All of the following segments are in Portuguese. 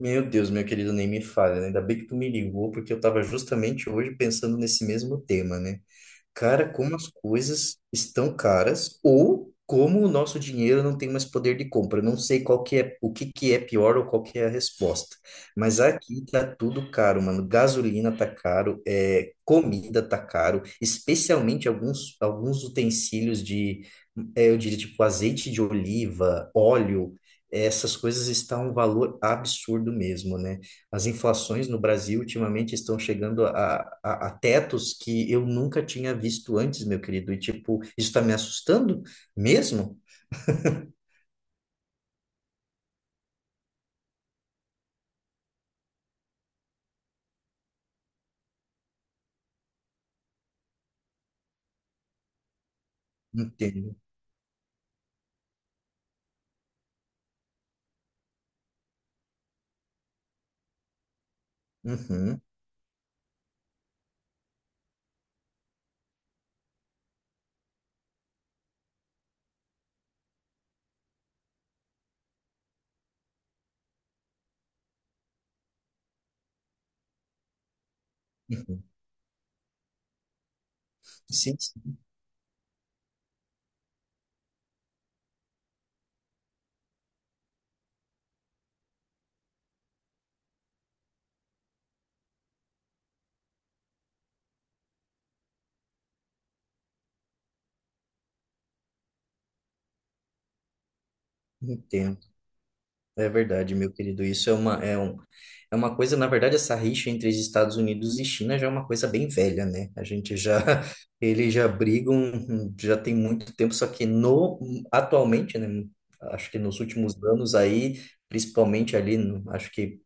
Meu Deus, meu querido, nem me fale, né? Ainda bem que tu me ligou, porque eu estava justamente hoje pensando nesse mesmo tema, né? Cara, como as coisas estão caras ou como o nosso dinheiro não tem mais poder de compra. Não sei qual que é, o que que é pior ou qual que é a resposta. Mas aqui tá tudo caro, mano. Gasolina tá caro, comida tá caro, especialmente alguns utensílios de, eu diria, tipo azeite de oliva, óleo. Essas coisas estão um valor absurdo mesmo, né? As inflações no Brasil ultimamente estão chegando a tetos que eu nunca tinha visto antes, meu querido. E, tipo, isso está me assustando mesmo? Entendo. Uhum, uhum. Sim, sim, entendo. É verdade, meu querido. É uma coisa, na verdade, essa rixa entre os Estados Unidos e China já é uma coisa bem velha, né? A gente já, eles já brigam, já tem muito tempo, só que no, atualmente, né? Acho que nos últimos anos aí, principalmente ali, acho que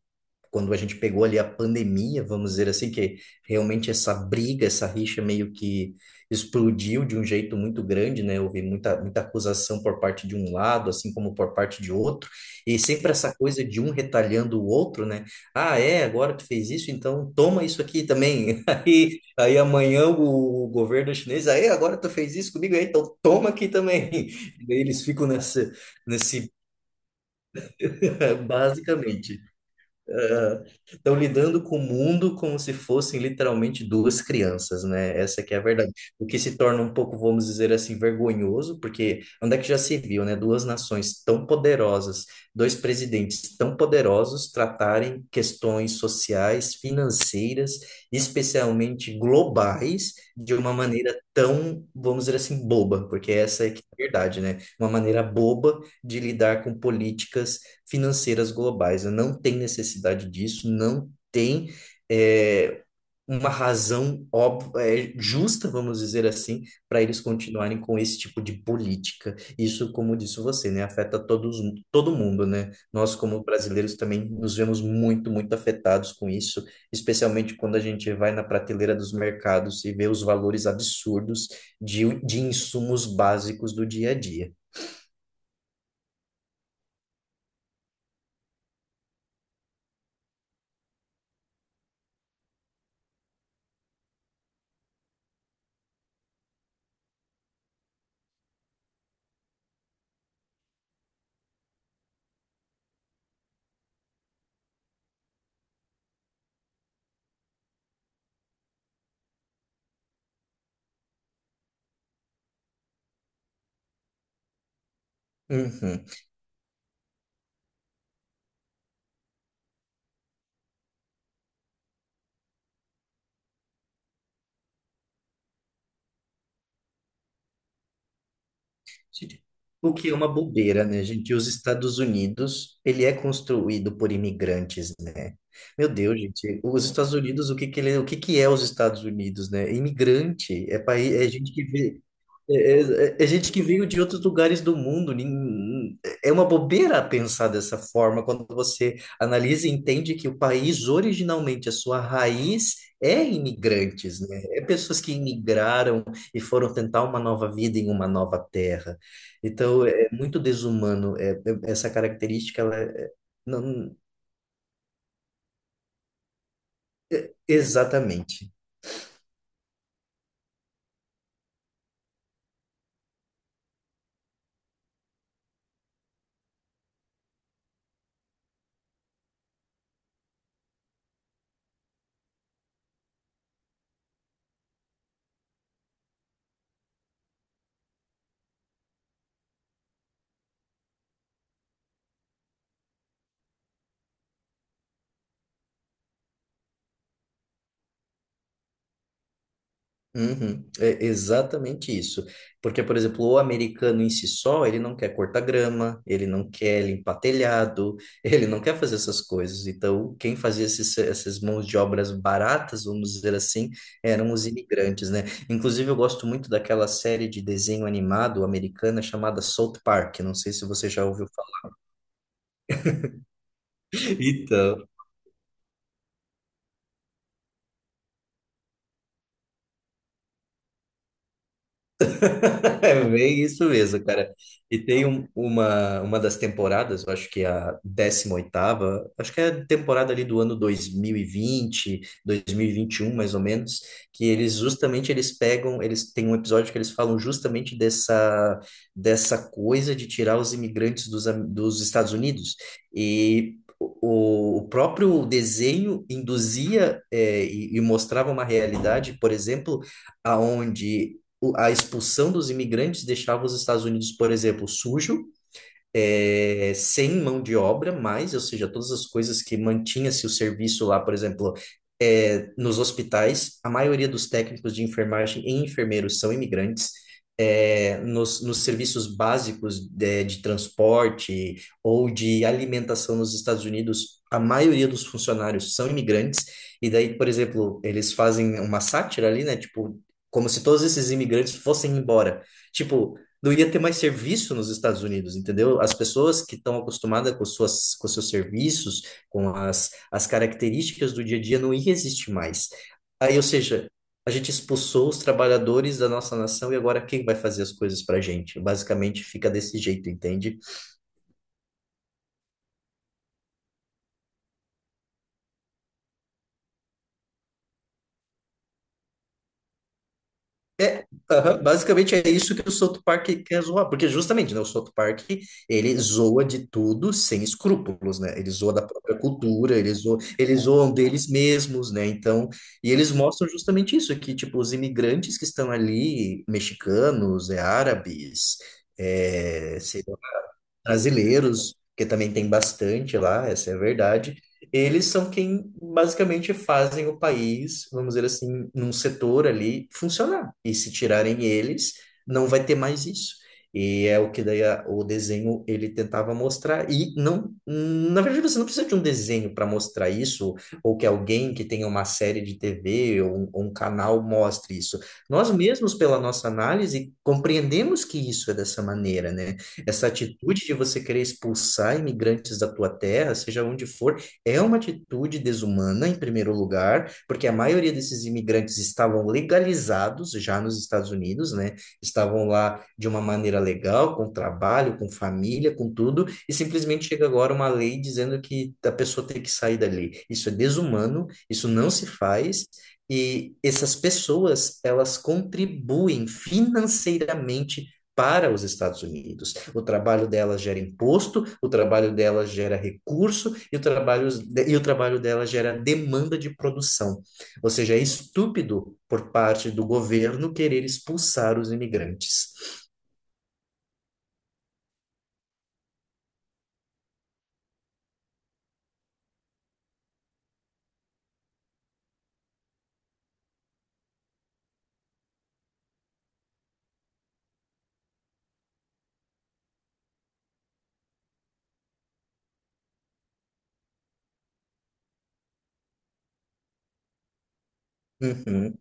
quando a gente pegou ali a pandemia, vamos dizer assim, que realmente essa briga, essa rixa meio que explodiu de um jeito muito grande, né? Houve muita acusação por parte de um lado, assim como por parte de outro, e sempre essa coisa de um retalhando o outro, né? Ah, é, agora tu fez isso, então toma isso aqui também. Aí amanhã o, governo chinês, aí agora tu fez isso comigo, aí, então toma aqui também. E daí eles ficam nesse, basicamente. Estão lidando com o mundo como se fossem literalmente duas crianças, né? Essa que é a verdade. O que se torna um pouco, vamos dizer assim, vergonhoso, porque onde é que já se viu, né? Duas nações tão poderosas, dois presidentes tão poderosos tratarem questões sociais, financeiras, especialmente globais, de uma maneira tão, vamos dizer assim, boba, porque essa é que é a verdade, né? Uma maneira boba de lidar com políticas financeiras globais, né? Não tem necessidade disso, não tem é, uma razão óbvia, justa, vamos dizer assim, para eles continuarem com esse tipo de política. Isso, como disse você, né, afeta todos, todo mundo, né? Nós, como brasileiros, também nos vemos muito afetados com isso, especialmente quando a gente vai na prateleira dos mercados e vê os valores absurdos de insumos básicos do dia a dia. Uhum. Gente, o que é uma bobeira, né, gente? Os Estados Unidos, ele é construído por imigrantes, né? Meu Deus, gente, os Estados Unidos, o que que ele, o que que é os Estados Unidos, né? Imigrante, é país, é gente que é, é gente que veio de outros lugares do mundo. É uma bobeira pensar dessa forma quando você analisa e entende que o país, originalmente, a sua raiz é imigrantes, né? É pessoas que imigraram e foram tentar uma nova vida em uma nova terra. Então, é muito desumano. Essa característica, ela é- não, exatamente. Uhum, é exatamente isso. Porque, por exemplo, o americano em si só, ele não quer cortar grama, ele não quer limpar telhado, ele não quer fazer essas coisas. Então, quem fazia essas mãos de obras baratas, vamos dizer assim, eram os imigrantes, né? Inclusive, eu gosto muito daquela série de desenho animado americana chamada South Park. Não sei se você já ouviu falar. Então. É bem isso mesmo, cara. E tem uma das temporadas, eu acho que é a 18ª, acho que é a temporada ali do ano 2021, mais ou menos, que eles justamente eles pegam, eles têm um episódio que eles falam justamente dessa coisa de tirar os imigrantes dos Estados Unidos. E o próprio desenho induzia, e mostrava uma realidade, por exemplo, aonde a expulsão dos imigrantes deixava os Estados Unidos, por exemplo, sujo, sem mão de obra, mas, ou seja, todas as coisas que mantinha-se o serviço lá, por exemplo, nos hospitais, a maioria dos técnicos de enfermagem e enfermeiros são imigrantes. É, nos serviços básicos de transporte ou de alimentação nos Estados Unidos, a maioria dos funcionários são imigrantes, e daí, por exemplo, eles fazem uma sátira ali, né? Tipo, como se todos esses imigrantes fossem embora. Tipo, não ia ter mais serviço nos Estados Unidos, entendeu? As pessoas que estão acostumadas com suas, com seus serviços, com as, as características do dia a dia, não ia existir mais. Aí, ou seja, a gente expulsou os trabalhadores da nossa nação e agora quem vai fazer as coisas para a gente? Basicamente fica desse jeito, entende? É, aham, basicamente é isso que o South Park quer zoar, porque justamente, né, o South Park, ele zoa de tudo sem escrúpulos, né? Ele zoa da própria cultura, eles zoam deles mesmos, né? Então, e eles mostram justamente isso, que tipo, os imigrantes que estão ali, mexicanos, árabes, brasileiros, que também tem bastante lá, essa é a verdade, eles são quem basicamente fazem o país, vamos dizer assim, num setor ali funcionar. E se tirarem eles, não vai ter mais isso. E é o que daí o desenho ele tentava mostrar. E não, na verdade, você não precisa de um desenho para mostrar isso, ou que alguém que tenha uma série de TV ou um canal mostre isso. Nós mesmos, pela nossa análise, compreendemos que isso é dessa maneira, né? Essa atitude de você querer expulsar imigrantes da tua terra, seja onde for, é uma atitude desumana, em primeiro lugar, porque a maioria desses imigrantes estavam legalizados já nos Estados Unidos, né? Estavam lá de uma maneira legal, com trabalho, com família, com tudo, e simplesmente chega agora uma lei dizendo que a pessoa tem que sair dali. Isso é desumano, isso não se faz. E essas pessoas, elas contribuem financeiramente para os Estados Unidos. O trabalho delas gera imposto, o trabalho delas gera recurso e o trabalho delas gera demanda de produção. Ou seja, é estúpido por parte do governo querer expulsar os imigrantes. Uhum,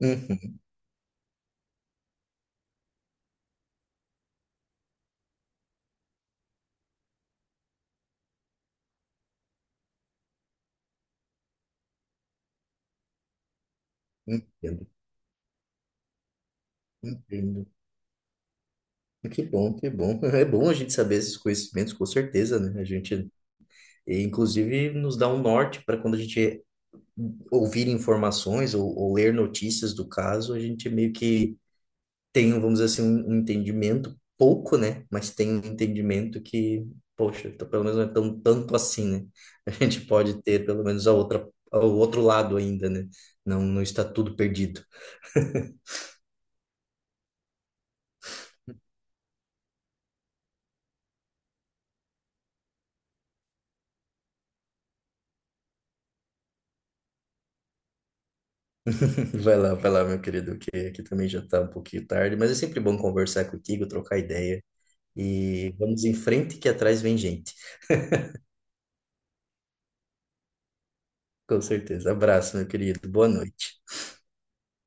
uhum, entendo, entendo. Que bom, que bom. É bom a gente saber esses conhecimentos, com certeza, né? A gente, e, inclusive, nos dá um norte para quando a gente ouvir informações ou ler notícias do caso, a gente meio que tem, vamos dizer assim, um entendimento pouco, né? Mas tem um entendimento que, poxa, então pelo menos não é tão tanto assim, né? A gente pode ter pelo menos o outro lado ainda, né? Não, não está tudo perdido. Vai lá, meu querido, que aqui também já está um pouquinho tarde, mas é sempre bom conversar contigo, trocar ideia. E vamos em frente que atrás vem gente. Com certeza. Abraço, meu querido. Boa noite.